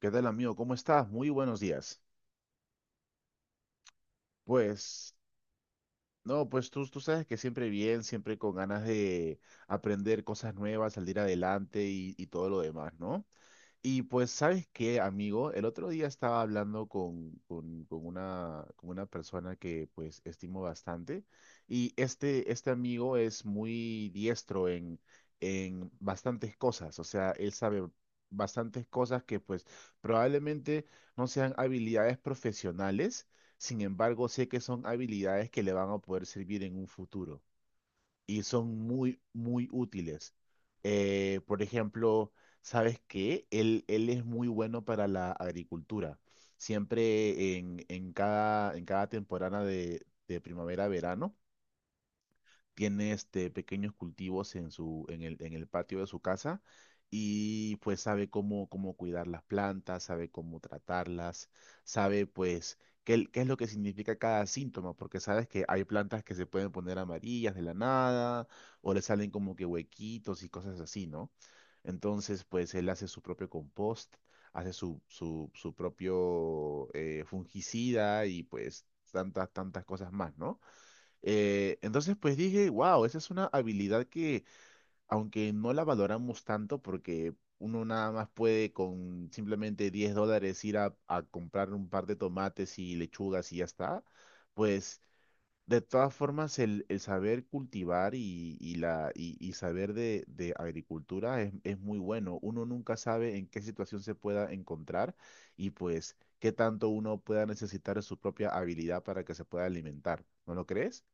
¿Qué tal, amigo? ¿Cómo estás? Muy buenos días. Pues, no, pues tú sabes que siempre bien, siempre con ganas de aprender cosas nuevas, salir adelante y todo lo demás, ¿no? Y pues, ¿sabes qué, amigo? El otro día estaba hablando con una persona que pues estimo bastante y este amigo es muy diestro en bastantes cosas, o sea, él sabe bastantes cosas que pues probablemente no sean habilidades profesionales. Sin embargo, sé que son habilidades que le van a poder servir en un futuro y son muy, muy útiles. Por ejemplo, ¿sabes qué? Él es muy bueno para la agricultura. Siempre en cada temporada de primavera-verano tiene este pequeños cultivos en el patio de su casa y pues sabe cómo, cómo cuidar las plantas, sabe cómo tratarlas, sabe pues qué es lo que significa cada síntoma, porque sabes que hay plantas que se pueden poner amarillas de la nada o le salen como que huequitos y cosas así, ¿no? Entonces, pues él hace su propio compost, hace su propio fungicida y pues tantas, tantas cosas más, ¿no? Entonces, pues dije, wow, esa es una habilidad que, aunque no la valoramos tanto, porque uno nada más puede con simplemente $10 ir a comprar un par de tomates y lechugas y ya está. Pues de todas formas el saber cultivar y saber de agricultura es muy bueno. Uno nunca sabe en qué situación se pueda encontrar y pues qué tanto uno pueda necesitar de su propia habilidad para que se pueda alimentar. ¿No lo crees?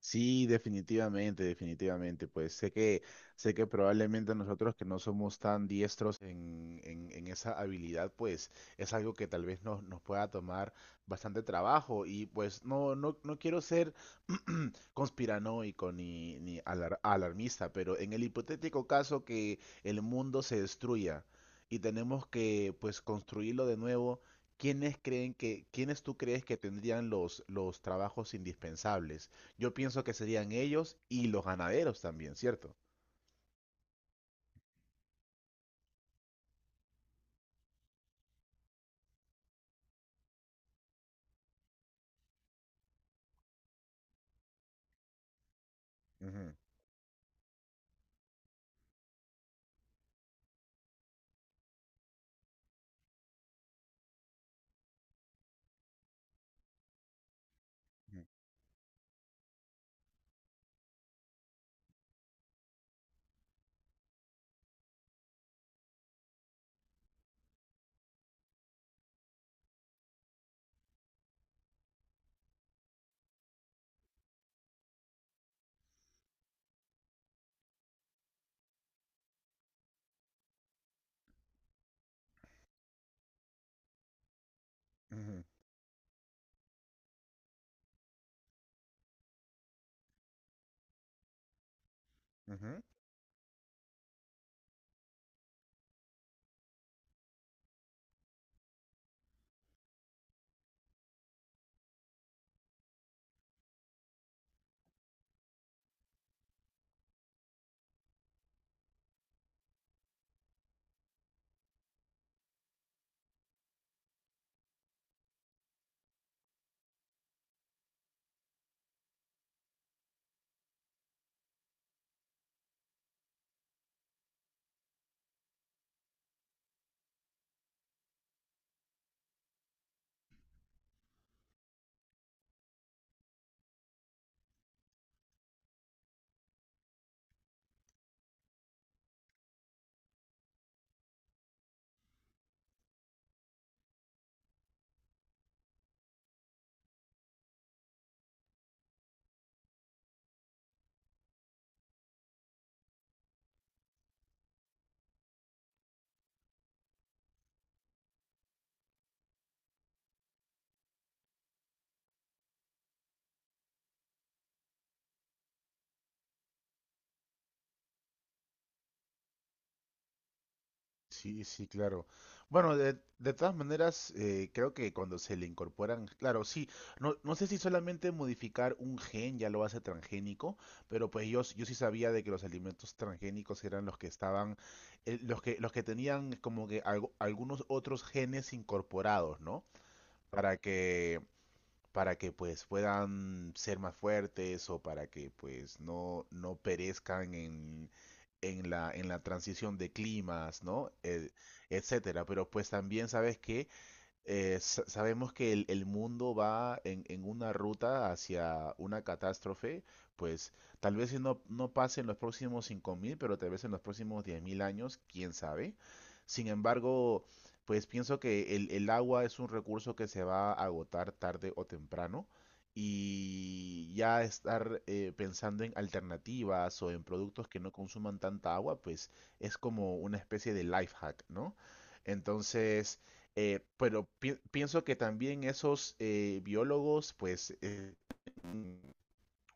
Sí, definitivamente, definitivamente. Pues sé que probablemente nosotros que no somos tan diestros en esa habilidad, pues es algo que tal vez nos pueda tomar bastante trabajo. Y pues no quiero ser conspiranoico ni alarmista, pero en el hipotético caso que el mundo se destruya y tenemos que pues construirlo de nuevo, ¿quiénes tú crees que tendrían los trabajos indispensables? Yo pienso que serían ellos y los ganaderos también, ¿cierto? Ujú, ujú, ujú, ujú. Sí, sí, claro. Bueno, de todas maneras, creo que cuando se le incorporan, claro, sí, no, no sé si solamente modificar un gen ya lo hace transgénico, pero pues yo sí sabía de que los alimentos transgénicos eran los que estaban, los que tenían como que algunos otros genes incorporados, ¿no? Para que para que pues puedan ser más fuertes o para que pues no, no perezcan en la transición de climas, ¿no? Etcétera. Pero pues también sabes que sabemos que el mundo va en una ruta hacia una catástrofe. Pues tal vez si no, no pase en los próximos 5.000, pero tal vez en los próximos 10.000 años, quién sabe. Sin embargo, pues pienso que el agua es un recurso que se va a agotar tarde o temprano y ya estar pensando en alternativas o en productos que no consuman tanta agua, pues es como una especie de life hack, ¿no? Entonces... Pero pienso que también esos biólogos, pues,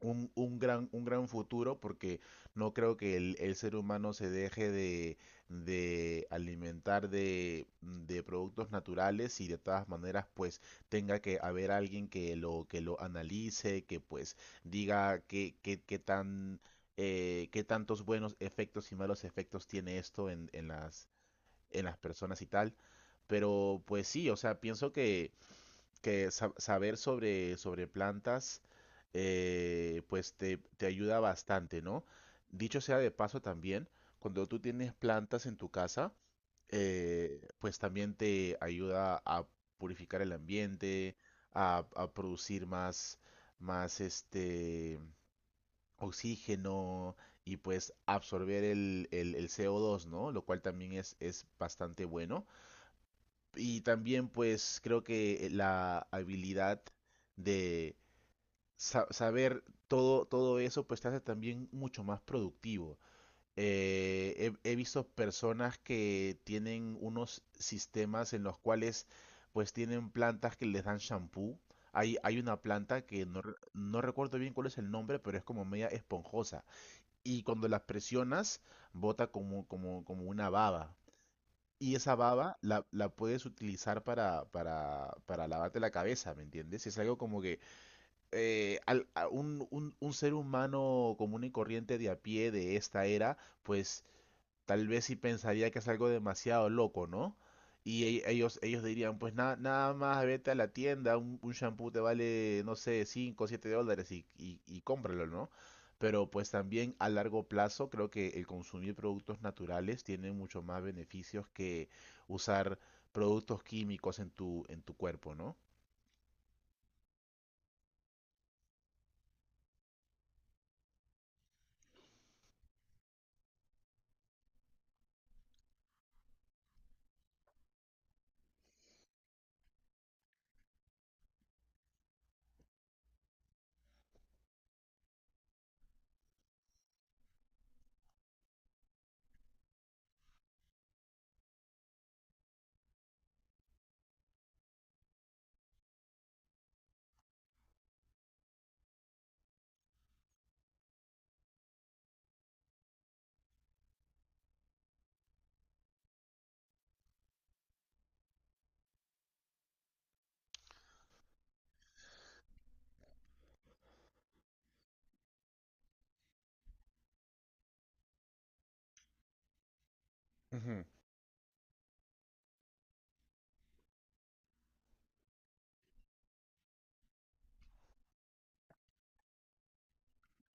un gran futuro, porque no creo que el ser humano se deje de alimentar de productos naturales y de todas maneras, pues, tenga que haber alguien que que lo analice, que pues diga qué tan, qué tantos buenos efectos y malos efectos tiene esto en las personas y tal. Pero pues sí, o sea, pienso que saber sobre plantas, pues te ayuda bastante, ¿no? Dicho sea de paso también, cuando tú tienes plantas en tu casa, pues también te ayuda a purificar el ambiente, a producir más, más este oxígeno y pues absorber el CO2, ¿no? Lo cual también es bastante bueno. Y también pues creo que la habilidad de saber todo, todo eso pues te hace también mucho más productivo. He visto personas que tienen unos sistemas en los cuales pues tienen plantas que les dan shampoo. Hay una planta que no recuerdo bien cuál es el nombre, pero es como media esponjosa. Y cuando las presionas, bota como, como, como una baba. Y esa baba la puedes utilizar para lavarte la cabeza, ¿me entiendes? Es algo como que un ser humano común y corriente de a pie de esta era, pues tal vez sí pensaría que es algo demasiado loco, ¿no? Y ellos, ellos dirían, pues nada, nada más vete a la tienda, un shampoo te vale, no sé, cinco o 7 dólares y y cómpralo, ¿no? Pero pues también a largo plazo creo que el consumir productos naturales tiene mucho más beneficios que usar productos químicos en en tu cuerpo, ¿no? Ujú,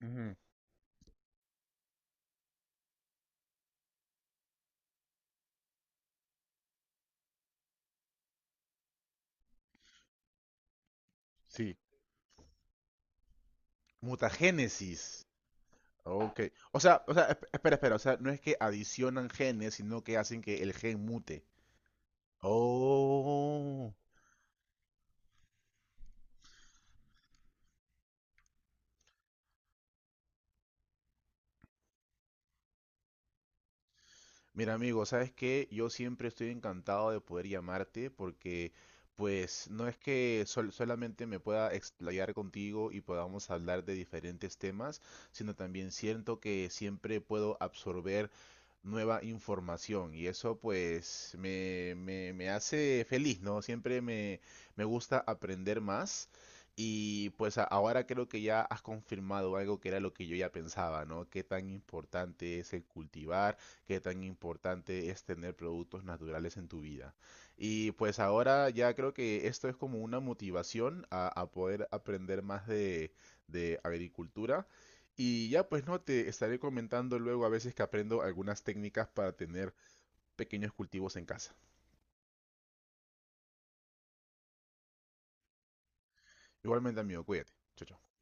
ujú. Sí. Mutagénesis. Ok. O sea, espera, espera. O sea, no es que adicionan genes, sino que hacen que el gen mute. Oh. Mira, amigo, ¿sabes qué? Yo siempre estoy encantado de poder llamarte porque, pues, no es que solamente me pueda explayar contigo y podamos hablar de diferentes temas, sino también siento que siempre puedo absorber nueva información y eso, pues, me hace feliz, ¿no? Siempre me gusta aprender más y, pues, ahora creo que ya has confirmado algo que era lo que yo ya pensaba, ¿no? Qué tan importante es el cultivar, qué tan importante es tener productos naturales en tu vida. Y pues ahora ya creo que esto es como una motivación a poder aprender más de agricultura. Y ya pues no, te estaré comentando luego a veces que aprendo algunas técnicas para tener pequeños cultivos en casa. Igualmente, amigo, cuídate. Chao, chao.